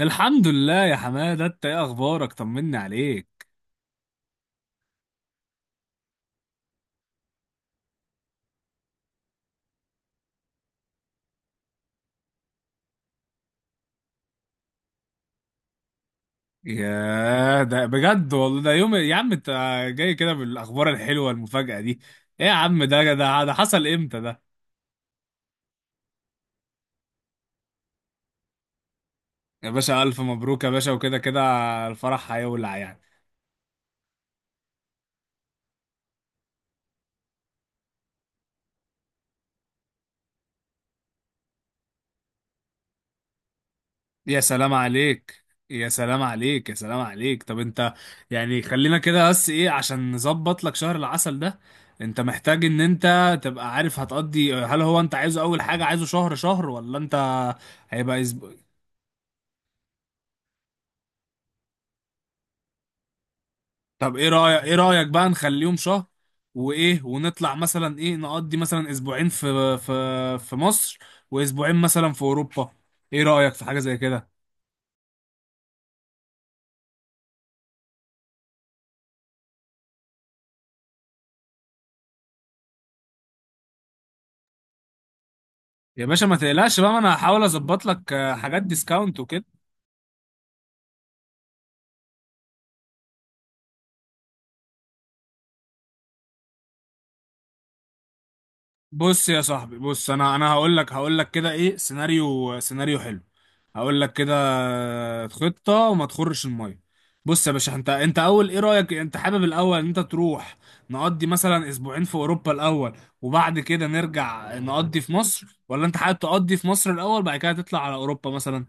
الحمد لله يا حماده، انت ايه اخبارك؟ طمني عليك. يا ده بجد والله، ده يوم يا عم انت جاي كده بالاخبار الحلوه، المفاجاه دي ايه يا عم؟ ده حصل امتى ده؟ يا باشا الف مبروك يا باشا، وكده كده الفرح هيولع يعني. يا سلام عليك، يا سلام عليك، يا سلام عليك. طب انت يعني خلينا كده، بس ايه عشان نظبط لك شهر العسل ده، انت محتاج ان انت تبقى عارف هتقضي، هل هو انت عايزه اول حاجه، عايزه شهر ولا انت هيبقى اسبوع؟ طب ايه رايك، ايه رايك بقى نخليهم شهر، وايه ونطلع مثلا ايه، نقضي مثلا اسبوعين في في مصر، واسبوعين مثلا في اوروبا؟ ايه رايك في حاجه زي كده؟ يا باشا ما تقلقش بقى، ما انا هحاول اظبط لك حاجات ديسكاونت وكده. بص يا صاحبي، بص انا هقول لك كده ايه سيناريو، سيناريو حلو. هقول لك كده خطة وما تخرش المية. بص يا باشا، انت انت اول ايه رأيك، انت حابب الاول ان انت تروح نقضي مثلا اسبوعين في اوروبا الاول وبعد كده نرجع نقضي في مصر، ولا انت حابب تقضي في مصر الاول بعد كده تطلع على اوروبا مثلا؟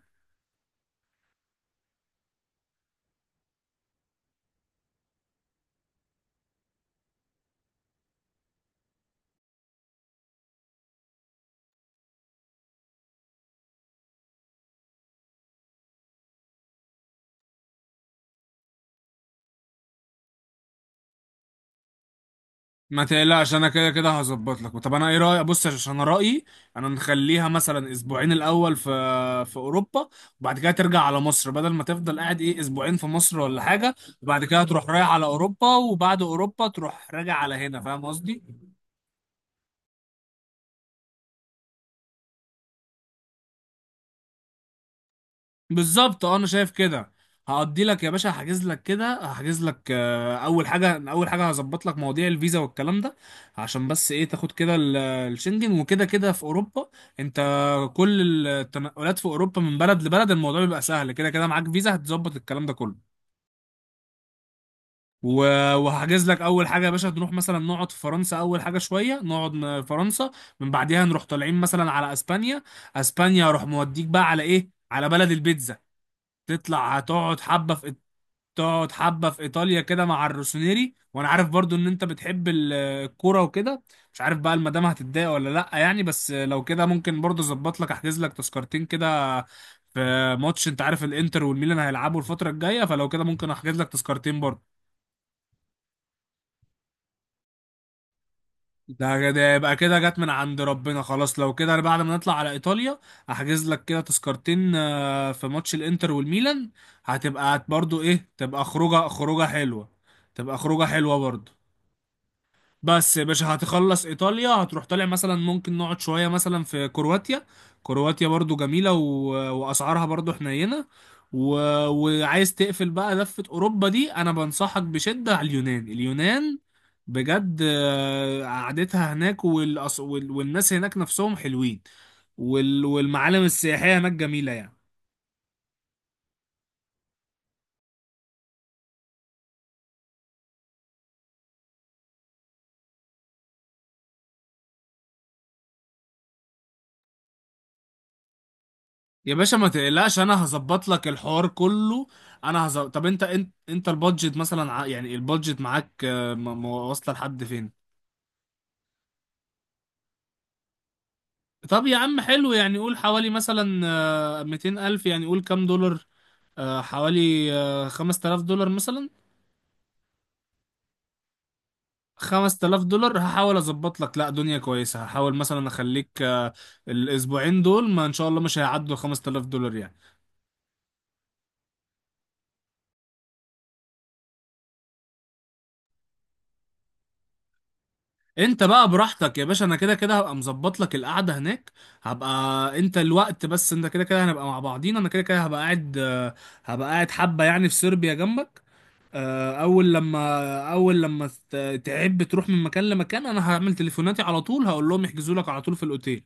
ما تقلقش، انا كده كده هظبط لك. طب انا ايه رايك، بص عشان انا رايي انا نخليها مثلا اسبوعين الاول في اوروبا، وبعد كده ترجع على مصر، بدل ما تفضل قاعد ايه اسبوعين في مصر ولا حاجه، وبعد كده تروح رايح على اوروبا، وبعد اوروبا تروح راجع على هنا. فاهم قصدي؟ بالظبط، اه انا شايف كده. هقضي لك يا باشا، هحجز لك كده، هحجز لك اول حاجه، اول حاجه هظبط لك مواضيع الفيزا والكلام ده، عشان بس ايه تاخد كده الشنجن، وكده كده في اوروبا انت كل التنقلات في اوروبا من بلد لبلد الموضوع بيبقى سهل، كده كده معاك فيزا هتظبط الكلام ده كله. و- وهحجز لك اول حاجه يا باشا، نروح مثلا نقعد في فرنسا اول حاجه، شويه نقعد فرنسا، من بعديها نروح طالعين مثلا على اسبانيا. اسبانيا اروح موديك بقى على ايه، على بلد البيتزا، تطلع هتقعد حبه في، تقعد حبة في إيطاليا كده مع الروسونيري، وأنا عارف برضو إن أنت بتحب الكورة وكده. مش عارف بقى المدام هتتضايق ولا لأ يعني، بس لو كده ممكن برضو أظبط لك، أحجز لك تذكرتين كده في ماتش، أنت عارف الإنتر والميلان هيلعبوا الفترة الجاية، فلو كده ممكن أحجز لك تذكرتين برضو. ده يبقى كده جت من عند ربنا. خلاص لو كده، أنا بعد ما نطلع على إيطاليا أحجز لك كده تذكرتين في ماتش الإنتر والميلان، هتبقى برضو إيه، تبقى خروجة حلوة، تبقى خروجة حلوة برضو. بس يا باشا هتخلص ايطاليا، هتروح طالع مثلا، ممكن نقعد شويه مثلا في كرواتيا. كرواتيا برضو جميله، و... واسعارها برضو حنينه. و... وعايز تقفل بقى لفه اوروبا دي، انا بنصحك بشده على اليونان. اليونان بجد قعدتها هناك، والأص... وال... والناس هناك نفسهم حلوين، وال... والمعالم السياحيه هناك جميله يعني. يا باشا ما تقلقش، انا هظبط لك الحوار كله، انا هظبط. طب انت انت انت البادجت مثلا ع- يعني البادجت معاك م- م- واصله لحد فين؟ طب يا عم حلو، يعني قول حوالي مثلا 200 الف، يعني قول كام دولار، حوالي 5000 دولار مثلا. 5000 دولار هحاول اظبط لك، لا دنيا كويسه، هحاول مثلا اخليك الاسبوعين دول ما ان شاء الله مش هيعدوا 5000 دولار يعني. انت بقى براحتك يا باشا، انا كده كده هبقى مظبط لك القعده هناك، هبقى انت الوقت بس، انت كده كده هنبقى مع بعضينا، انا كده كده هبقى قاعد هبقى قاعد حبه يعني في صربيا جنبك. اول لما تعب تروح من مكان لمكان، انا هعمل تليفوناتي على طول، هقول لهم يحجزوا لك على طول في الاوتيل.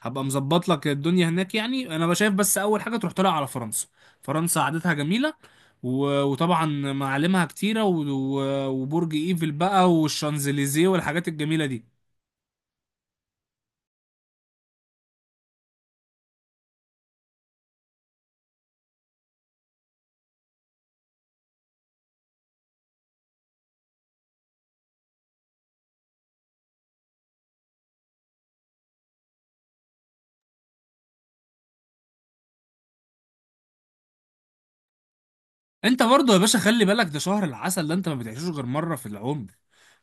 هبقى مظبط لك الدنيا هناك. يعني انا شايف بس اول حاجه تروح طالع على فرنسا. فرنسا عادتها جميله، و- وطبعا معالمها كتيرة، و- و- وبرج ايفل بقى والشانزليزيه والحاجات الجميلة دي. انت برضه يا باشا خلي بالك، ده شهر العسل ده انت ما بتعيشوش غير مرة في العمر،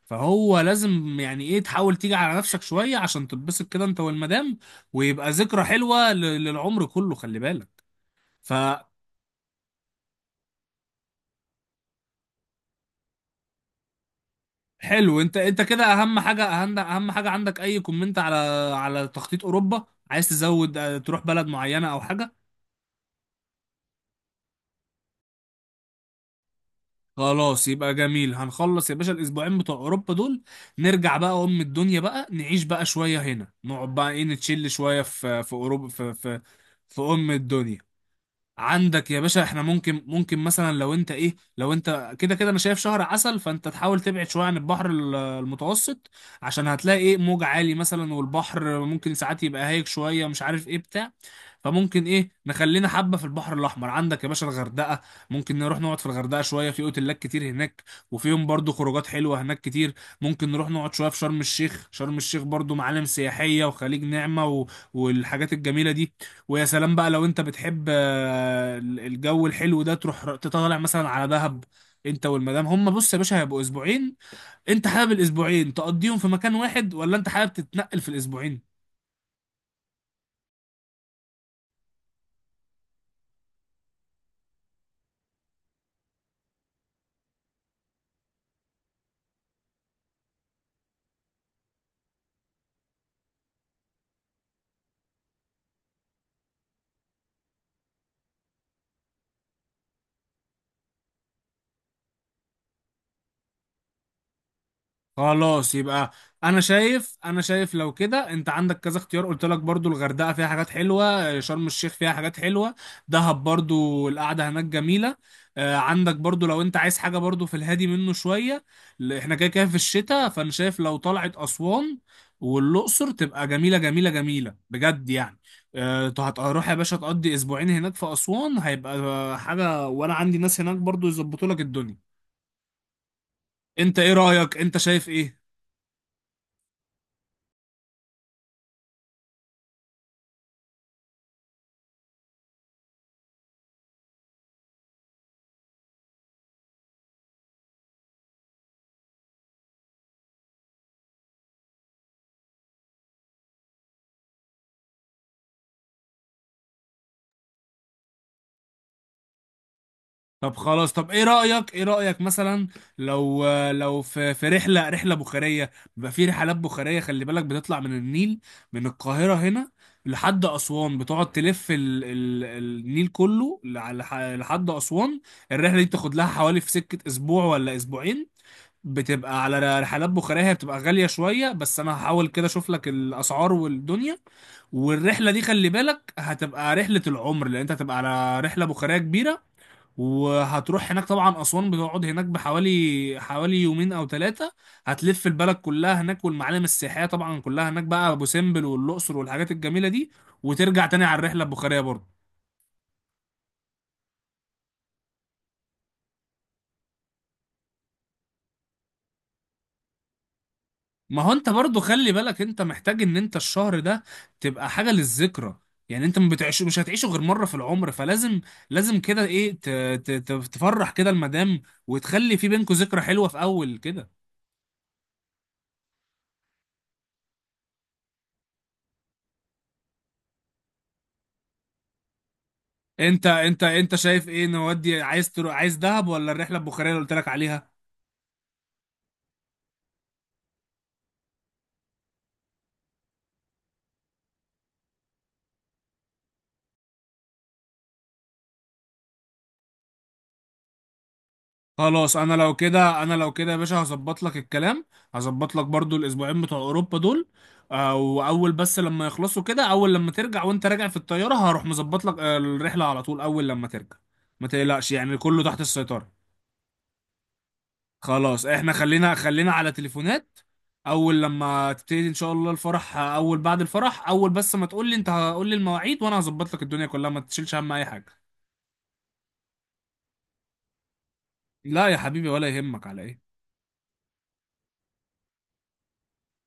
فهو لازم يعني ايه تحاول تيجي على نفسك شوية عشان تتبسط كده انت والمدام، ويبقى ذكرى حلوة للعمر كله. خلي بالك، فحلو. انت انت كده اهم حاجة، اهم حاجة عندك اي كومنت على على تخطيط اوروبا؟ عايز تزود تروح بلد معينة او حاجة؟ خلاص يبقى جميل. هنخلص يا باشا الاسبوعين بتوع اوروبا دول، نرجع بقى ام الدنيا، بقى نعيش بقى شويه هنا، نقعد بقى ايه نتشيل شويه في اوروبا في في ام الدنيا. عندك يا باشا، احنا ممكن، ممكن مثلا لو انت ايه، لو انت كده كده انا شايف شهر عسل، فانت تحاول تبعد شويه عن البحر المتوسط عشان هتلاقي ايه موج عالي مثلا، والبحر ممكن ساعات يبقى هايج شويه، مش عارف ايه بتاع. فممكن ايه نخلينا حبه في البحر الاحمر. عندك يا باشا الغردقه، ممكن نروح نقعد في الغردقه شويه، في اوتيلات كتير هناك، وفيهم برضو خروجات حلوه هناك كتير. ممكن نروح نقعد شويه في شرم الشيخ، شرم الشيخ برضو معالم سياحيه وخليج نعمه و... والحاجات الجميله دي. ويا سلام بقى لو انت بتحب الجو الحلو ده تروح تطلع مثلا على دهب. انت والمدام هم، بص يا باشا هيبقوا اسبوعين، انت حابب الاسبوعين تقضيهم في مكان واحد، ولا انت حابب تتنقل في الاسبوعين؟ خلاص يبقى، انا شايف لو كده انت عندك كذا اختيار، قلت لك برضو الغردقه فيها حاجات حلوه، شرم الشيخ فيها حاجات حلوه، دهب برضو القعده هناك جميله. عندك برضو لو انت عايز حاجه برضو في الهادي منه شويه، احنا كده كده في الشتاء، فانا شايف لو طلعت اسوان والاقصر تبقى جميله بجد يعني. هتروح يا باشا تقضي اسبوعين هناك في اسوان هيبقى حاجه، وانا عندي ناس هناك برضو يظبطوا لك الدنيا. انت ايه رايك، انت شايف ايه؟ طب خلاص، طب ايه رأيك، ايه رأيك مثلا لو لو في رحلة بخارية؟ بيبقى في رحلات بخارية، خلي بالك بتطلع من النيل من القاهرة هنا لحد أسوان، بتقعد تلف ال ال النيل كله لع- لح- لحد أسوان. الرحلة دي بتاخد لها حوالي في سكة أسبوع ولا أسبوعين، بتبقى على رحلات بخارية. هي بتبقى غالية شوية بس أنا هحاول كده أشوف لك الأسعار والدنيا. والرحلة دي خلي بالك هتبقى رحلة العمر، لأن أنت هتبقى على رحلة بخارية كبيرة. وهتروح هناك طبعا أسوان، بتقعد هناك بحوالي حوالي يومين أو ثلاثة، هتلف البلد كلها هناك، والمعالم السياحية طبعا كلها هناك بقى، أبو سمبل والأقصر والحاجات الجميلة دي، وترجع تاني على الرحلة البخارية برضه. ما هو أنت برضه خلي بالك، أنت محتاج إن أنت الشهر ده تبقى حاجة للذكرى، يعني أنت ما بتعيش، مش هتعيشه غير مرة في العمر، فلازم لازم كده إيه تفرح كده المدام، وتخلي في بينكوا ذكرى حلوة في أول كده. انت شايف ايه نودي، عايز تروح عايز دهب ولا الرحله البخاريه اللي قلت لك عليها؟ خلاص انا لو كده، يا باشا هظبط لك الكلام، هظبط لك برضو الاسبوعين بتوع اوروبا دول. واول بس لما يخلصوا كده، اول لما ترجع وانت راجع في الطياره، هروح مظبط لك الرحله على طول اول لما ترجع، ما تقلقش يعني كله تحت السيطره. خلاص احنا خلينا على تليفونات، اول لما تبتدي ان شاء الله الفرح اول بعد الفرح، اول بس ما تقول لي انت هقول لي المواعيد، وانا هظبط لك الدنيا كلها، ما تشيلش هم اي حاجه. لا يا حبيبي، ولا يهمك على ايه.